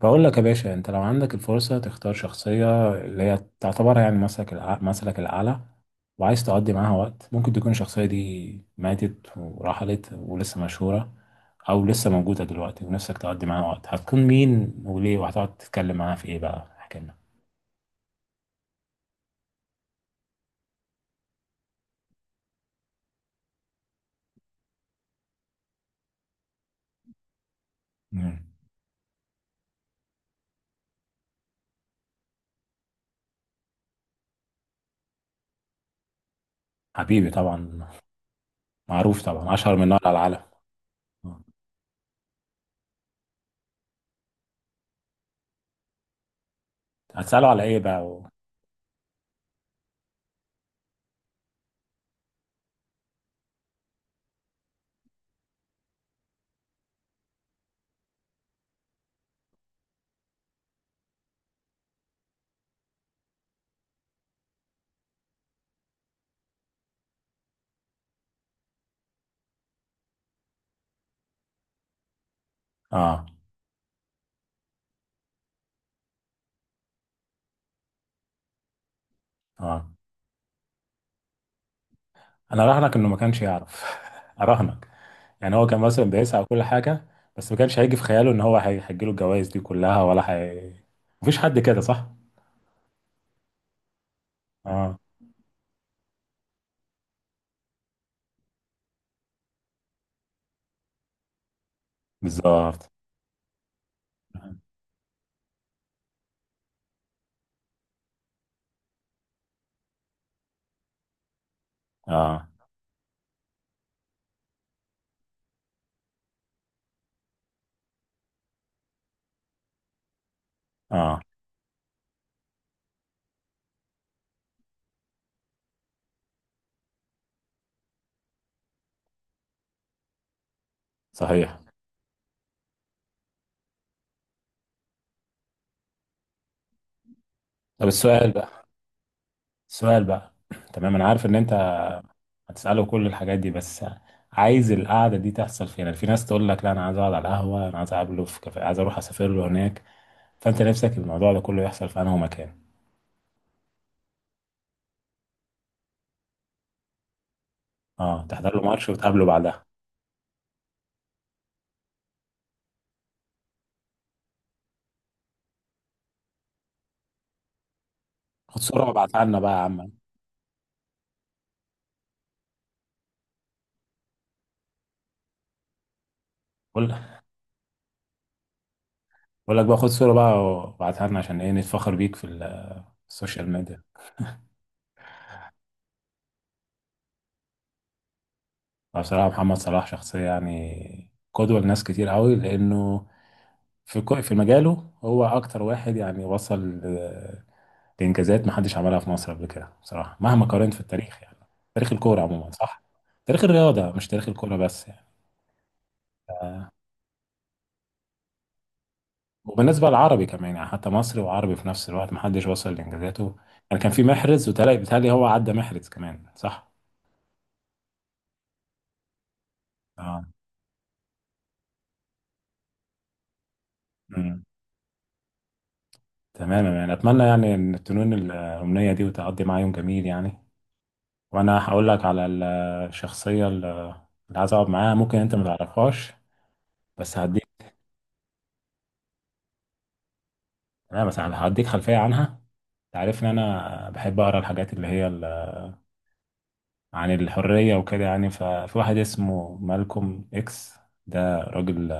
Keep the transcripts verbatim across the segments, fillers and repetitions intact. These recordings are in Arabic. بقول لك يا باشا، انت لو عندك الفرصة تختار شخصية اللي هي تعتبر يعني مثلك الع... مثلك الأعلى، وعايز تقضي معاها وقت. ممكن تكون الشخصية دي ماتت ورحلت ولسه مشهورة، أو لسه موجودة دلوقتي، ونفسك تقضي معاها وقت. هتكون مين وليه، وهتقعد تتكلم معاها في إيه؟ بقى احكي لنا. مم. حبيبي طبعا. معروف طبعا، أشهر من نار على العالم. آه. هتسأله على إيه بقى و... آه، آه، أنا أراهنك إنه ما كانش يعرف. أراهنك. يعني هو كان مثلا بيسعى وكل حاجة، بس ما كانش هيجي في خياله ان هو هي- هيجيله الجوائز دي كلها، ولا هي. مفيش حد كده، صح؟ اه، بالظبط. اه. اه. صحيح. طب السؤال بقى السؤال بقى، تمام انا عارف ان انت هتسأله كل الحاجات دي، بس عايز القعدة دي تحصل فين؟ يعني في ناس تقول لك لا، انا عايز اقعد على القهوة، انا عايز اقابله في كافيه، عايز اروح اسافر له هناك. فانت نفسك الموضوع ده كله يحصل في انهي مكان؟ اه، تحضر له ماتش وتقابله بعدها. خد صورة وابعتها لنا بقى يا عم. قول. بقول لك بقى، خد صورة بقى وابعتها لنا عشان ايه نتفخر بيك في ال- في السوشيال ميديا. أنا بصراحة محمد صلاح شخصية يعني قدوة لناس كتير قوي، لأنه في كو- في مجاله هو أكتر واحد يعني وصل ل- لإنجازات محدش عملها في مصر قبل كده بصراحة، مهما قارنت في التاريخ، يعني تاريخ الكورة عموما، صح؟ تاريخ الرياضة مش تاريخ الكورة بس يعني. وبالنسبة للعربي كمان يعني، حتى مصري وعربي في نفس الوقت محدش وصل لإنجازاته. يعني كان في محرز، وتلاقي بيتهيألي هو عدى محرز كمان، صح؟ اه. تمام، يعني اتمنى يعني ان تنون الامنيه دي وتقضي معايا يوم جميل يعني. وانا هقول لك على الشخصيه اللي اللي عايز اقعد معاها، ممكن انت ما تعرفهاش بس هديك. تمام، بس هديك خلفيه عنها. تعرف ان انا بحب اقرا الحاجات اللي هي ال- عن الحريه وكده يعني. ففي واحد اسمه مالكوم اكس، ده راجل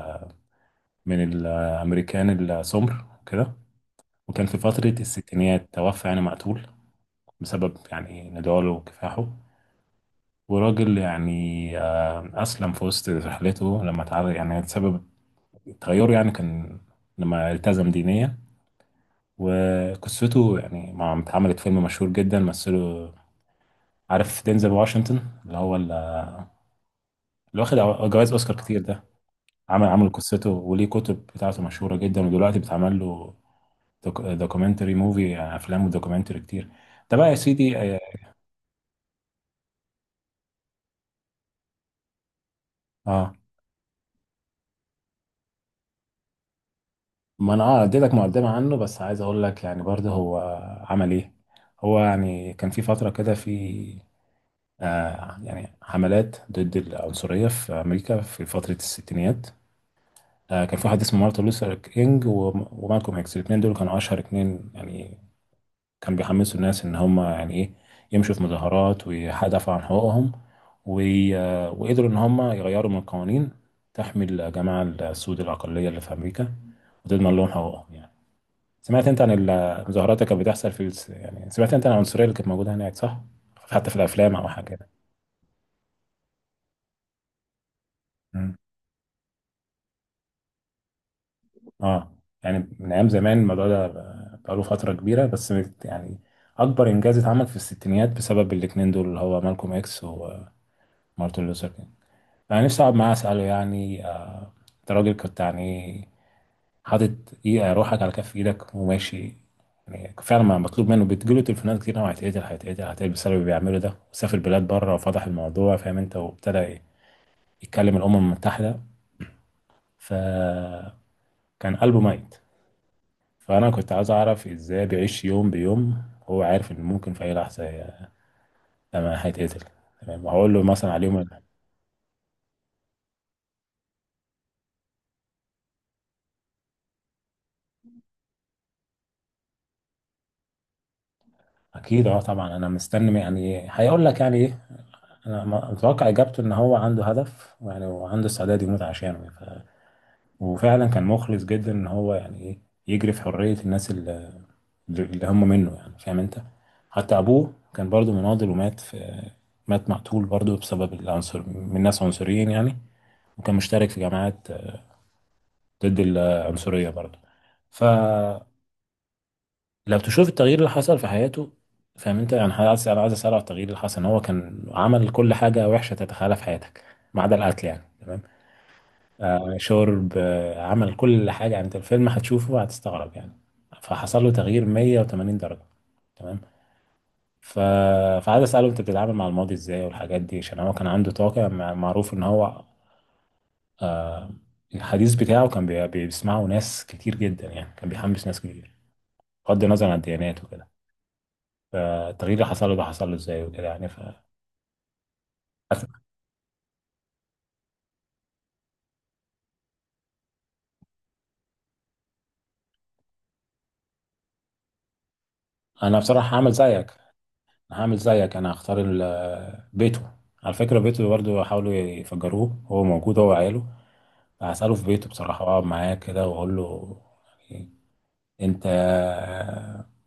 من الامريكان السمر كده، وكان في فتره الستينيات توفى يعني مقتول بسبب يعني نضاله وكفاحه. وراجل يعني، آه، أسلم في وسط رحلته لما اتعرض، يعني سبب تغيره يعني كان لما التزم دينيا. وقصته يعني مع اتعملت فيلم مشهور جدا مثله، عارف دينزل واشنطن اللي هو ال- اللي واخد أو- جوائز أوسكار كتير ده. عمل عمل قصته، وليه كتب بتاعته مشهورة جدا، ودلوقتي بتعمل له دوكيومنتري موفي، يعني أفلام ودوكيومنتري كتير. ده بقى يا سيدي. اه. آه. ما انا اه اديتك مقدمه عنه، بس عايز اقول لك يعني برضه هو عمل ايه. هو يعني كان في فتره كده، في آه يعني حملات ضد العنصريه في امريكا في فتره الستينيات. آه كان في واحد اسمه مارتن لوثر كينج وم- ومالكوم اكس، الاثنين دول كانوا اشهر اثنين يعني. كانوا بيحمسوا الناس ان هم يعني ايه يمشوا في مظاهرات ويدافعوا عن حقوقهم، وي- آه، وقدروا ان هم يغيروا من القوانين تحمي الجماعه السود، الاقليه اللي في امريكا، وتضمن لهم حقوقهم يعني. سمعت انت عن المظاهرات اللي كانت بتحصل في الس... يعني سمعت انت عن العنصريه اللي كانت موجوده هناك، صح؟ حتى في الافلام او حاجه كده. مم. اه. يعني من ايام زمان الموضوع ده ب- بقاله فتره كبيره، بس مت- يعني اكبر انجاز اتعمل في الستينيات بسبب الاتنين دول، اللي هو مالكوم اكس ومارتن لوثر كينج. انا نفسي اقعد معاه اساله يعني، آه، انت راجل كنت يعني حاطط، ايه، روحك على كف ايدك وماشي. يعني فعلا ما مطلوب منه، بتجيله تليفونات كتير قوي، هيتقتل هيتقتل هيتقتل، بسبب اللي بيعمله ده، وسافر بلاد بره وفتح الموضوع، فاهم انت، وابتدى يتكلم الامم المتحده. فكان قلبه ميت. فانا كنت عايز اعرف ازاي بيعيش يوم بيوم، هو عارف ان ممكن في اي لحظه لما هيتقتل. تمام، وهقول له مثلا على اليوم. اكيد اه، طبعا انا مستني يعني هيقول لك يعني ايه. انا متوقع اجابته ان هو عنده هدف يعني، وعنده استعداد يموت عشانه. وفعلا كان مخلص جدا ان هو يعني ايه يجري في حرية الناس اللي, اللي هم منه، يعني فاهم انت. حتى ابوه كان برضو مناضل ومات في مات مقتول برضو بسبب العنصر، من ناس عنصريين يعني، وكان مشترك في جماعات ضد العنصرية برضو. فلو تشوف التغيير اللي حصل في حياته، فاهم انت، يعني عايز انا عايز اسأله على التغيير اللي حصل. ان هو كان عمل كل حاجة وحشة تتخيلها في حياتك ما عدا القتل، يعني تمام؟ آه، شرب، آه، عمل كل حاجة، يعني انت الفيلم هتشوفه هتستغرب يعني. فحصل له تغيير مية وثمانين درجة. تمام. ف... فعايز اسأله انت بتتعامل مع الماضي ازاي والحاجات دي، عشان هو كان عنده طاقة، مع- معروف ان هو الحديث بتاعه كان بي... بيسمعه ناس كتير جدا، يعني كان بيحمس ناس كتير بغض النظر عن الديانات وكده. فالتغيير اللي حصل له ده حصل له ازاي وكده، يعني ف... انا بصراحة هعمل زيك هعمل زيك، انا هختار ال- بيته. على فكرة بيته برضه حاولوا يفجروه، هو موجود هو وعياله. هسأله في بيته بصراحة، وأقعد معاه كده وأقول له: يعني أنت،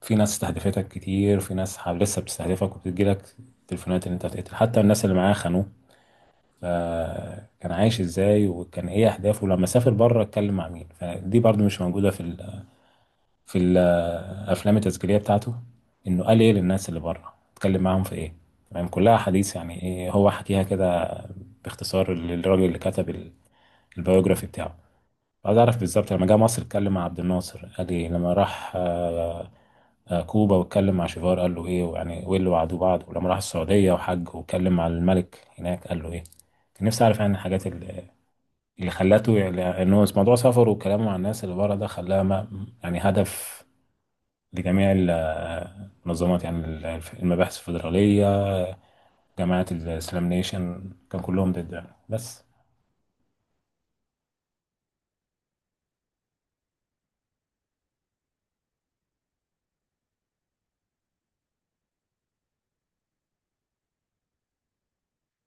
في ناس استهدفتك كتير، في ناس ح- لسه بتستهدفك وبتجيلك تليفونات إن أنت هتقتل، حتى الناس اللي معاه خانوه. فكان عايش إزاي، وكان إيه أهدافه لما سافر بره، اتكلم مع مين، فدي برضو مش موجودة في ال في الأفلام التسجيلية بتاعته، إنه قال إيه للناس اللي بره، اتكلم معاهم في إيه، يعني كلها حديث. يعني إيه هو حكيها كده باختصار للراجل اللي كتب ال- البيوجرافي بتاعه. عايز اعرف بالظبط لما جه مصر اتكلم مع عبد الناصر قال ايه، لما راح آه، آه، كوبا واتكلم مع شيفار قال له ايه، ويعني وايه اللي وعدوه بعض، ولما راح السعودية وحج واتكلم مع الملك هناك قال له ايه. كان نفسي اعرف يعني الحاجات اللي اللي خلاته، يعني ان هو موضوع سفره وكلامه مع الناس اللي بره ده خلاه ما يعني هدف لجميع ال- آه، منظمات، يعني ال- المباحث الفيدرالية. جماعة الإسلام نيشن كان كلهم ضد يعني، بس.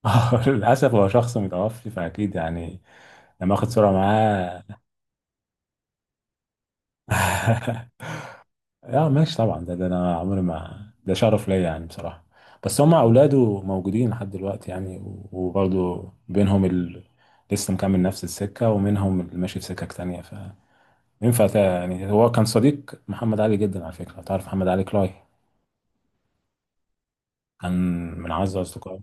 للأسف هو شخص متوفي، فأكيد يعني لما اخد صورة معاه. اه. ماشي طبعا، ده, ده انا عمري ما، ده شرف ليا يعني بصراحه. بس هم اولاده موجودين لحد دلوقتي يعني، و- وبرضه بينهم ال... لسه مكمل نفس السكه، ومنهم اللي ماشي في سكك تانية. فينفع تا- يعني هو كان صديق محمد علي جدا، على فكره تعرف محمد علي كلاي؟ كان من اعز اصدقائه.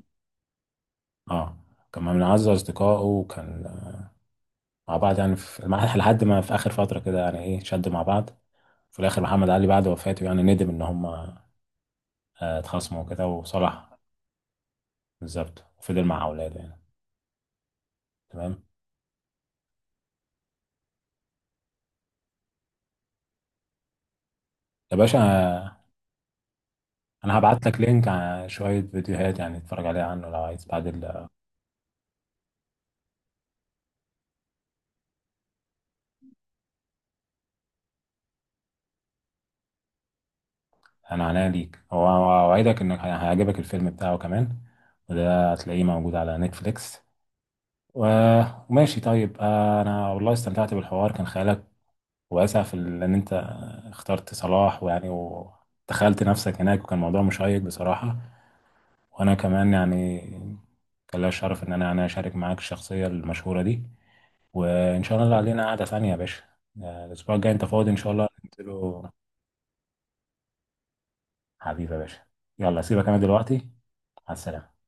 اه، كان من اعز اصدقائه، وكان آه، مع بعض يعني، في مع- لحد ما في اخر فتره كده، يعني ايه، شدوا مع بعض. في الاخر محمد علي بعد وفاته يعني ندم ان هم آه، اتخاصموا كده، وصلح. بالظبط، وفضل مع اولاده يعني. تمام يا باشا، انا هبعت لك لينك على شويه فيديوهات يعني تتفرج عليها عنه لو عايز، بعد ال... انا عناية ليك. هو اوعدك انك هي- هيعجبك الفيلم بتاعه كمان، وده هتلاقيه موجود على نتفليكس و... وماشي طيب، آه، انا والله استمتعت بالحوار، كان خيالك واسع في ال- ان انت اخترت صلاح، ويعني ودخلت نفسك هناك، وكان موضوع مشيق بصراحه. وانا كمان يعني كان ليا الشرف ان انا يعني اشارك معاك الشخصيه المشهوره دي. وان شاء الله علينا قعده ثانيه يا باشا. آه، الاسبوع الجاي انت فاضي ان شاء الله ننزله. حبيبي يا باشا، يلا سيبك انا دلوقتي. مع السلامه.